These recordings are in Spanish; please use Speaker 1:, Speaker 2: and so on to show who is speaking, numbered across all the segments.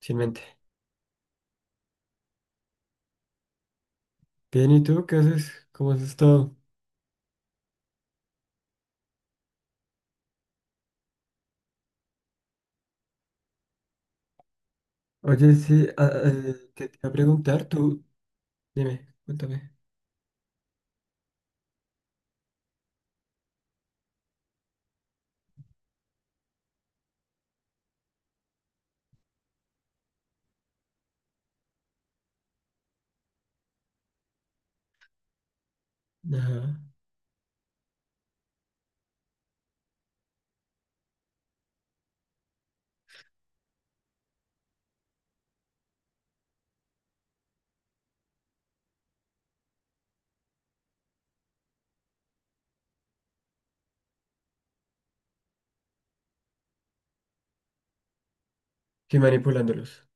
Speaker 1: Sin mente. Bien, ¿y tú qué haces? ¿Cómo has estado? Oye, sí, ah, te iba a preguntar, tú, dime, cuéntame. Ajá. Sí, manipulándolos.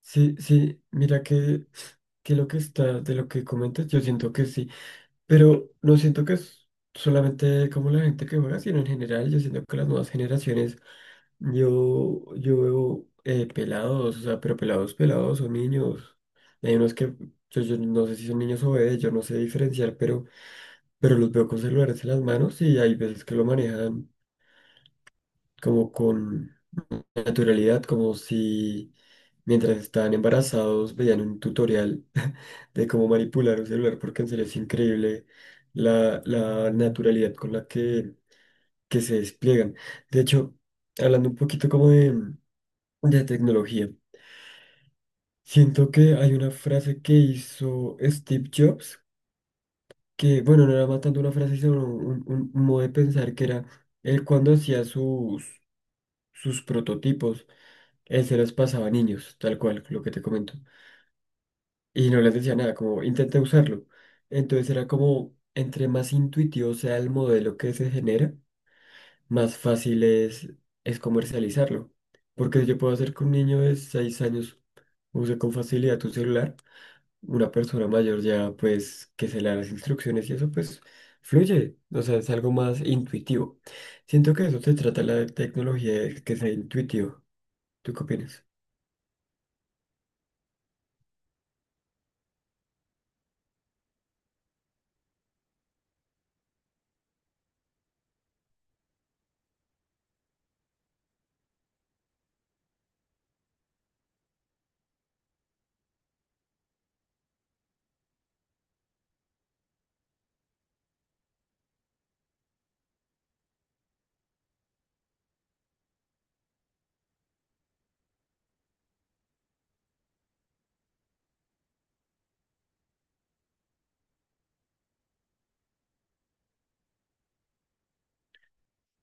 Speaker 1: Sí, sí, mira que lo que está, de lo que comentas, yo siento que sí, pero no siento que es solamente como la gente que juega, sino en general, yo siento que las nuevas generaciones, yo veo pelados, o sea, pero pelados, pelados son niños. Hay unos que, yo no sé si son niños o bebés, yo no sé diferenciar, pero los veo con celulares en las manos y hay veces que lo manejan como con naturalidad, como si mientras estaban embarazados veían un tutorial de cómo manipular un celular, porque en serio es increíble la, la naturalidad con la que se despliegan. De hecho, hablando un poquito como de tecnología, siento que hay una frase que hizo Steve Jobs que, bueno, no era matando una frase, sino un, un modo de pensar que era, él cuando hacía sus, sus prototipos, él se los pasaba a niños, tal cual, lo que te comento, y no les decía nada, como intenta usarlo. Entonces era como, entre más intuitivo sea el modelo que se genera, más fácil es comercializarlo. Porque si yo puedo hacer que un niño de 6 años use con facilidad un celular, una persona mayor ya, pues, que se le da las instrucciones y eso, pues, fluye. O sea, es algo más intuitivo. Siento que eso se trata la tecnología, de que sea intuitivo. ¿Tú qué opinas?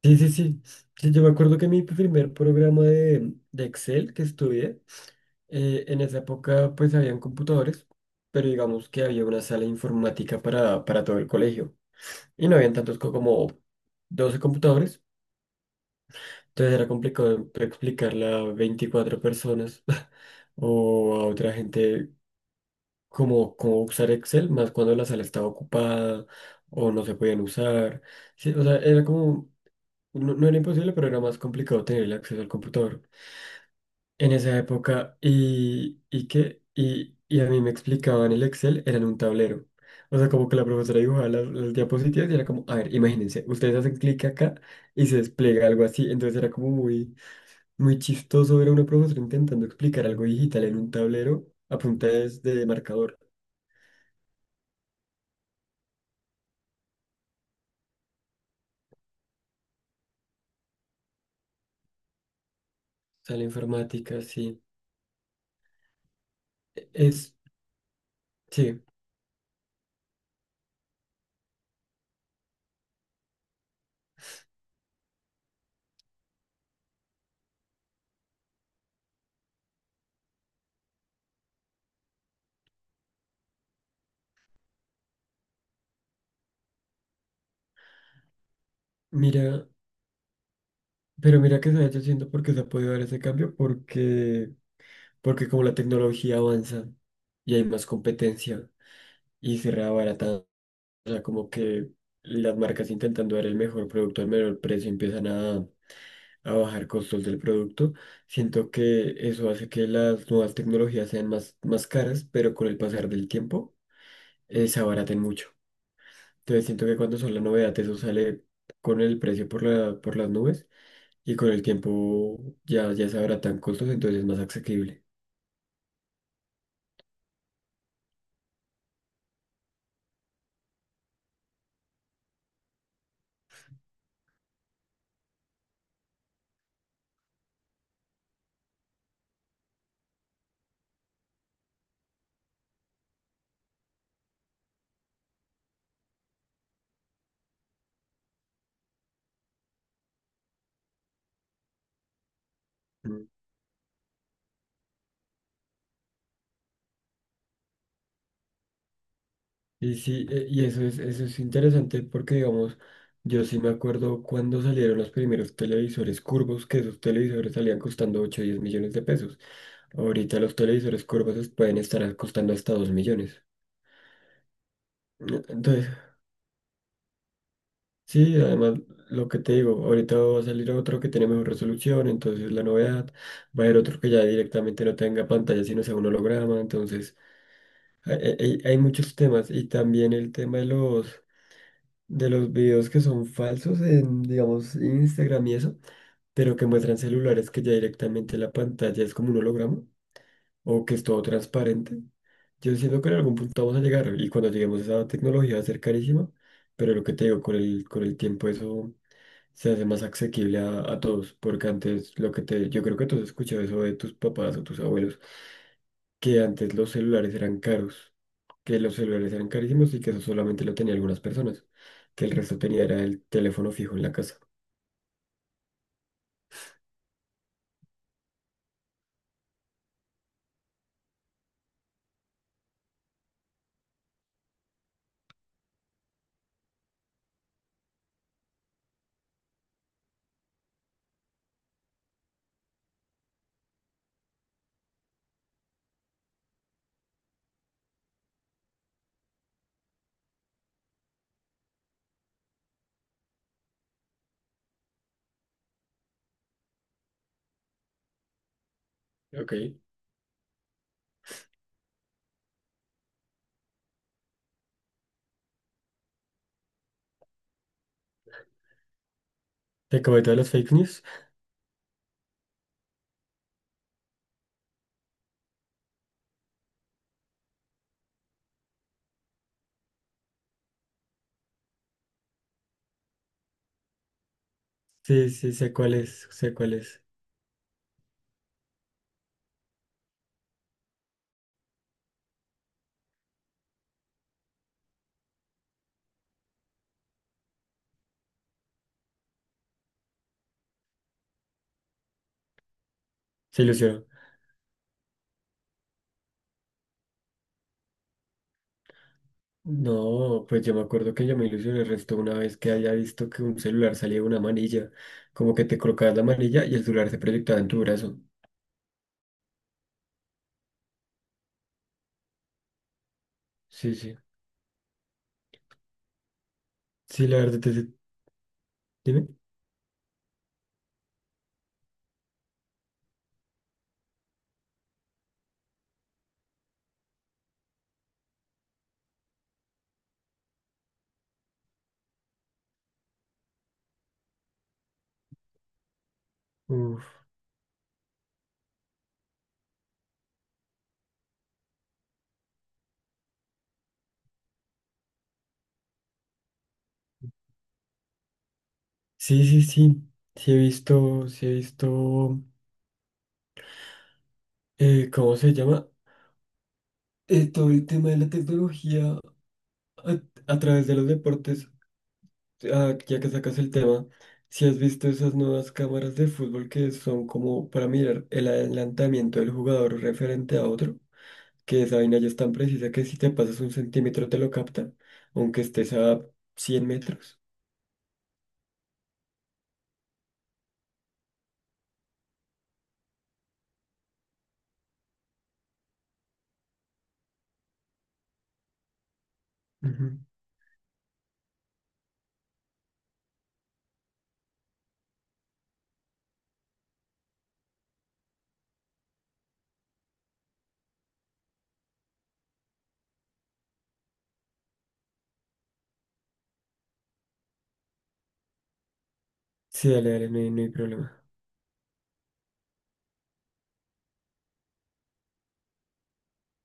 Speaker 1: Sí, sí, sí. Sí, yo me acuerdo que mi primer programa de Excel que estudié, en esa época, pues, habían computadores, pero digamos que había una sala informática para todo el colegio. Y no habían tantos como 12 computadores. Entonces era complicado explicarle a 24 personas o a otra gente cómo, cómo usar Excel, más cuando la sala estaba ocupada o no se podían usar. Sí, o sea, era como, no, no era imposible, pero era más complicado tener el acceso al computador en esa época. Y que, y a mí me explicaban el Excel, era en un tablero. O sea, como que la profesora dibujaba las diapositivas y era como, a ver, imagínense, ustedes hacen clic acá y se despliega algo así. Entonces era como muy muy chistoso ver a una profesora intentando explicar algo digital en un tablero a punta de marcador. O sea, la informática, sí. E- Es, sí, mira, pero mira que se ha hecho haciendo porque se ha podido dar ese cambio, porque, porque como la tecnología avanza y hay más competencia y se reabarata. O sea, como que las marcas intentando dar el mejor producto al menor precio empiezan a bajar costos del producto. Siento que eso hace que las nuevas tecnologías sean más, más caras, pero con el pasar del tiempo se abaraten mucho. Entonces siento que cuando son la novedad, eso sale con el precio por la, por las nubes y con el tiempo ya, ya se abaratan costos, entonces es más asequible. Y sí, y eso es interesante porque, digamos, yo sí me acuerdo cuando salieron los primeros televisores curvos, que esos televisores salían costando 8 o 10 millones de pesos. Ahorita los televisores curvos pueden estar costando hasta 2 millones. Entonces, sí, además, lo que te digo, ahorita va a salir otro que tiene mejor resolución, entonces la novedad, va a haber otro que ya directamente no tenga pantalla, sino sea un holograma, entonces hay, hay muchos temas y también el tema de los, de los videos que son falsos en, digamos, Instagram y eso, pero que muestran celulares que ya directamente la pantalla es como un holograma o que es todo transparente. Yo siento que en algún punto vamos a llegar y cuando lleguemos a esa tecnología va a ser carísima, pero lo que te digo, con el tiempo eso se hace más asequible a todos, porque antes lo que te, yo creo que tú has escuchado eso de tus papás o tus abuelos, que antes los celulares eran caros, que los celulares eran carísimos y que eso solamente lo tenía algunas personas, que el resto tenía era el teléfono fijo en la casa. Ok. ¿Te comento de las fake news? Sí, sí, sé cuál es, sé cuál es. Se ilusionó. No, pues yo me acuerdo que yo me ilusioné el resto una vez que haya visto que un celular salía de una manilla, como que te colocabas la manilla y el celular se proyectaba en tu brazo. Sí, sí. Sí, la verdad, dime. Uf. Sí, sí, sí. Sí he visto, ¿cómo se llama? Todo el tema de la tecnología. A, a través de los deportes, ah, ya que sacas el tema, si has visto esas nuevas cámaras de fútbol que son como para mirar el adelantamiento del jugador referente a otro, que esa vaina ya es tan precisa que si te pasas un centímetro te lo capta, aunque estés a 100 metros. Ujú. Sí, dale, dale, no hay, no hay problema.